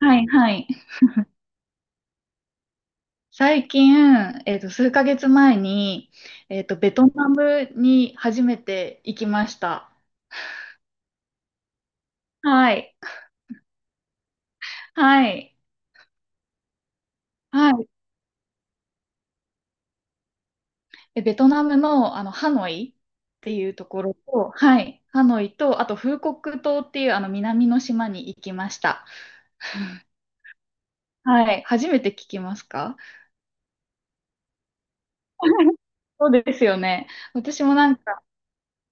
はいはい。最近、数ヶ月前に、ベトナムに初めて行きました。はい。はい。はい。でベトナムの、ハノイっていうところと、はい。ハノイと、あと、フーコック島っていう、南の島に行きました。はい。初めて聞きますか？ そうですよね。私もなんか、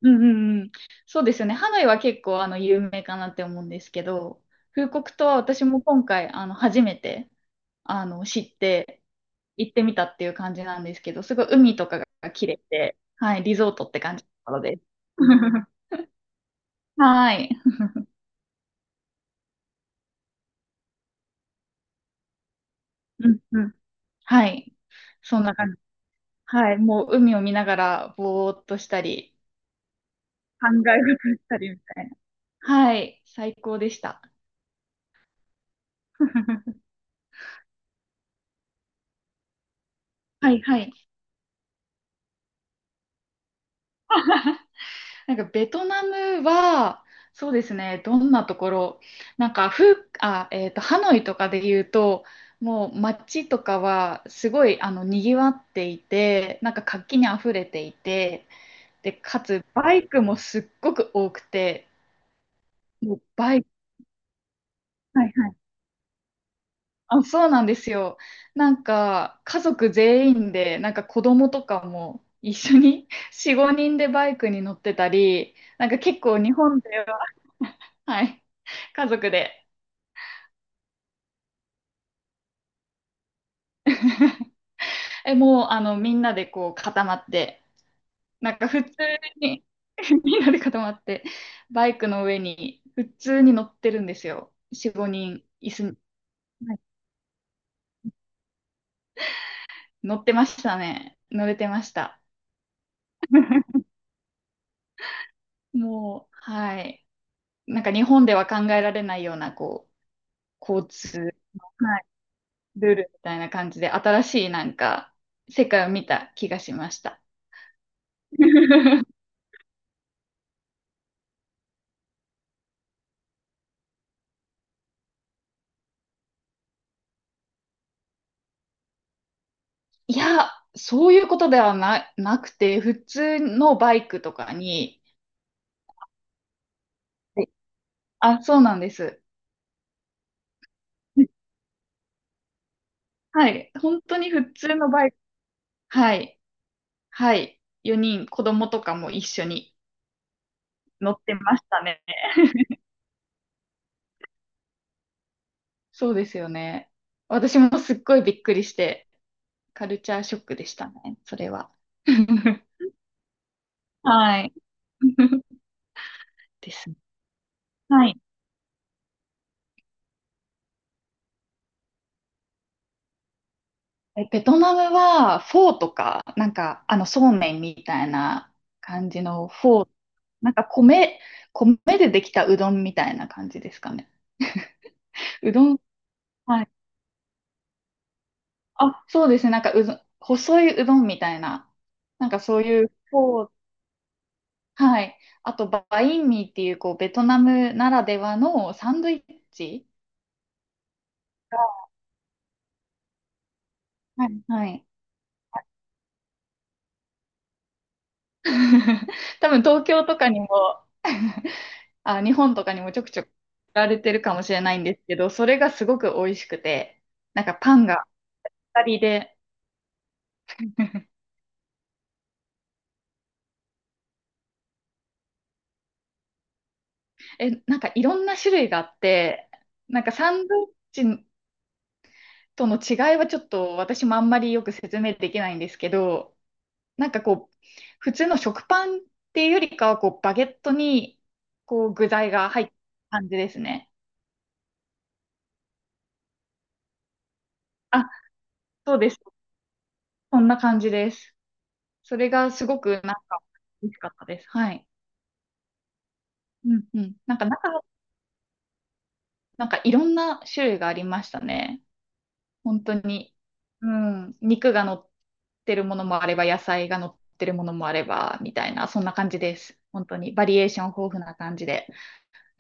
うんうんうん。そうですよね。ハノイは結構有名かなって思うんですけど、フーコク島は私も今回初めて知って行ってみたっていう感じなんですけど、すごい海とかが綺麗で、はい、リゾートって感じなので。はい。うんうん。はい。そんな感じ。はい。もう海を見ながらぼーっとしたり、考え事したりみたいな。はい。最高でした。はいはい。なんかベトナムは、そうですね、どんなところ、なんかフあ、えーと、ハノイとかで言うと、もう街とかはすごい賑わっていて、なんか活気にあふれていて、で、かつバイクもすっごく多くて、もうバイク、はいはい、あ、そうなんですよ。なんか、家族全員で、なんか子供とかも一緒に4、5人でバイクに乗ってたり、なんか結構日本では、はい、家族で、もうみんなでこう固まって、なんか普通に みんなで固まって、バイクの上に普通に乗ってるんですよ。4、5人、椅子に、はい、乗ってましたね。乗れてました。もう、はい。なんか日本では考えられないような、こう、交通の、はい、ルールみたいな感じで、新しいなんか、世界を見た気がしました。いや、そういうことではな、なくて、普通のバイクとかに、はい、あ、そうなんです。はい、本当に普通のバイク、はい、はい、4人、子供とかも一緒に乗ってましたね。そうですよね。私もすっごいびっくりして、カルチャーショックでしたね、それは。はい。ですね。はい。ベトナムはフォーとか、なんか、そうめんみたいな感じのフォー、なんか米でできたうどんみたいな感じですかね。うどん、はい。あ、そうですね。なんかうどん、細いうどんみたいな、なんかそういうフォー、はい。あと、バインミーっていう、こう、ベトナムならではのサンドイッチが、はい、はい。多分東京とかにも あ、日本とかにもちょくちょく売られてるかもしれないんですけど、それがすごく美味しくて、なんかパンが当たりで、なんかいろんな種類があって、なんかサンドイッチとの違いはちょっと私もあんまりよく説明できないんですけど、なんかこう、普通の食パンっていうよりかは、こう、バゲットに、こう、具材が入った感じですね。あ、そうです。そんな感じです。それがすごくなんか美味しかったです。はい。うんうん。なんか中なんかいろんな種類がありましたね。本当に。うん。肉が乗ってるものもあれば、野菜が乗ってるものもあれば、みたいな、そんな感じです。本当に。バリエーション豊富な感じで。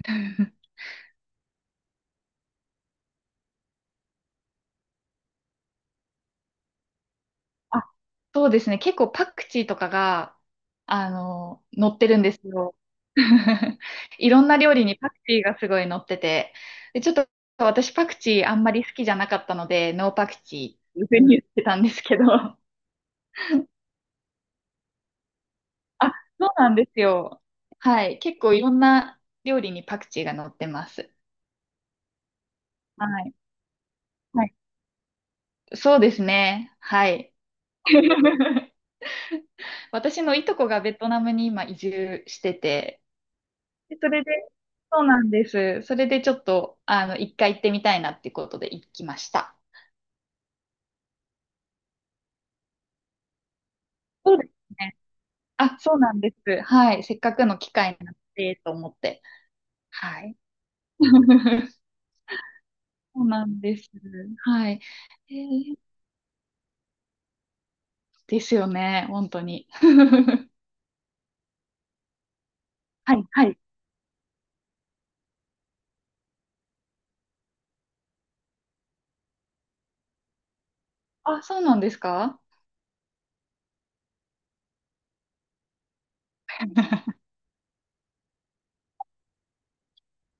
あ、そうですね。結構パクチーとかが、乗ってるんですよ。いろんな料理にパクチーがすごい乗ってて。で、ちょっと私パクチーあんまり好きじゃなかったので、ノーパクチーっていうふうに言ってたんですけど。あ、そうなんですよ。はい。結構いろんな料理にパクチーが乗ってます。はい。はい。そうですね。はい。私のいとこがベトナムに今移住してて、でそれで、そうなんです。それでちょっと、一回行ってみたいなってことで行きました。そうですね。あ、そうなんです。はい。せっかくの機会になってと思って。はい。そうなんです。はい。えー、ですよね。本当に。はい、はい。あ、そうなんですか？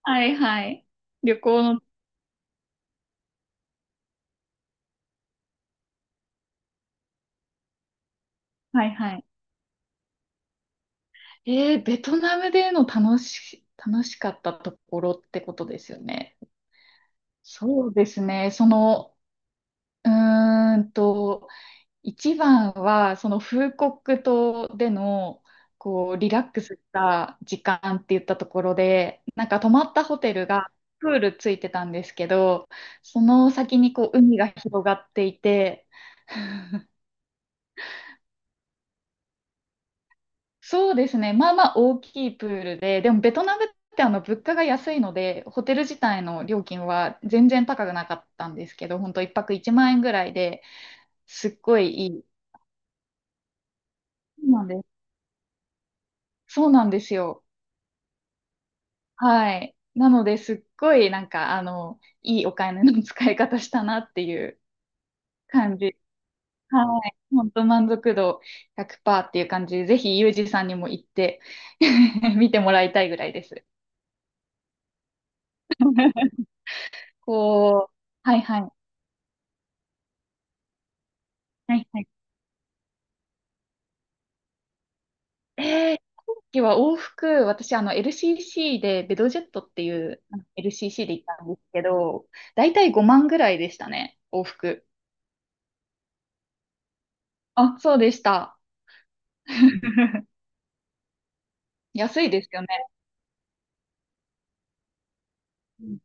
はいはい。旅行の、はいはい。ベトナムでの楽しかったところってことですよね。そうですね。その、うーんと、一番は、そのフーコック島での、こう、リラックスした時間って言ったところで、なんか泊まったホテルがプールついてたんですけど、その先にこう、海が広がっていて、そうですね。まあまあ大きいプールで、でもベトナムって物価が安いので、ホテル自体の料金は全然高くなかったんですけど、本当1泊1万円ぐらいですっごいいい。そうなんです。そうなんですよ。はい。なのですっごいなんかいいお金の使い方したなっていう感じ。はい。本当満足度100%っていう感じで、ぜひユージさんにも行って 見てもらいたいぐらいです。こう、はいはい。はいはい、えー、今期は往復、私、LCC で、ベドジェットっていう、LCC で行ったんですけど、だいたい5万ぐらいでしたね、往復。あ、そうでした。安いですよね。うん、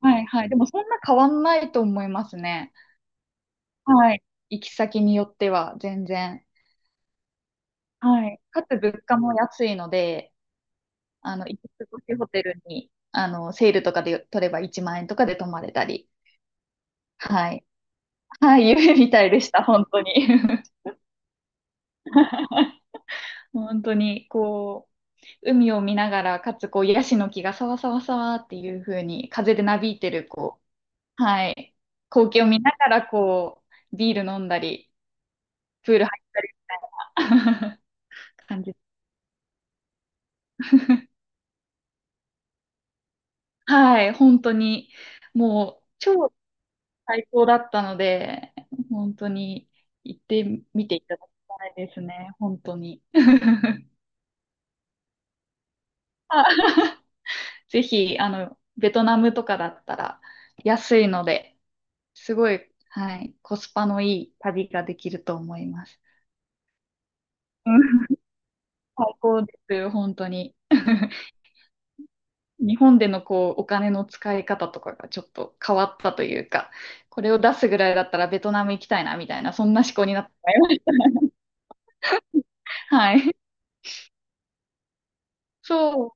はいはい。でも、そんな変わんないと思いますね。はい。行き先によっては、全然。はい。かつ、物価も安いので、行き過ごしホテルに、セールとかで取れば1万円とかで泊まれたり。はい。はい、夢みたいでした、本当に。本当に、こう、海を見ながら、かつ、こう、ヤシの木がさわさわさわっていう風に、風でなびいてる、こう、はい、光景を見ながら、こう、ビール飲んだり、プール入ったり 感じ。はい、本当に、もう、超最高だったので、本当に、行ってみていただきたいですね、本当に。ぜひ、ベトナムとかだったら、安いので、すごい、はい、コスパのいい旅ができると思います。うん、最高です、本当に。日本でのこうお金の使い方とかがちょっと変わったというか、これを出すぐらいだったらベトナム行きたいなみたいな、そんな思考になってます。はい。そう、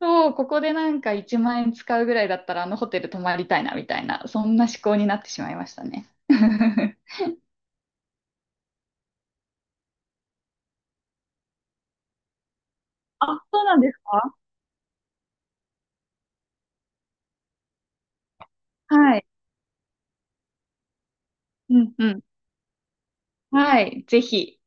そう、ここでなんか1万円使うぐらいだったらあのホテル泊まりたいなみたいな、そんな思考になってしまいましたね。あ、そうなんですか？はい。うんうん。はい、ぜひ。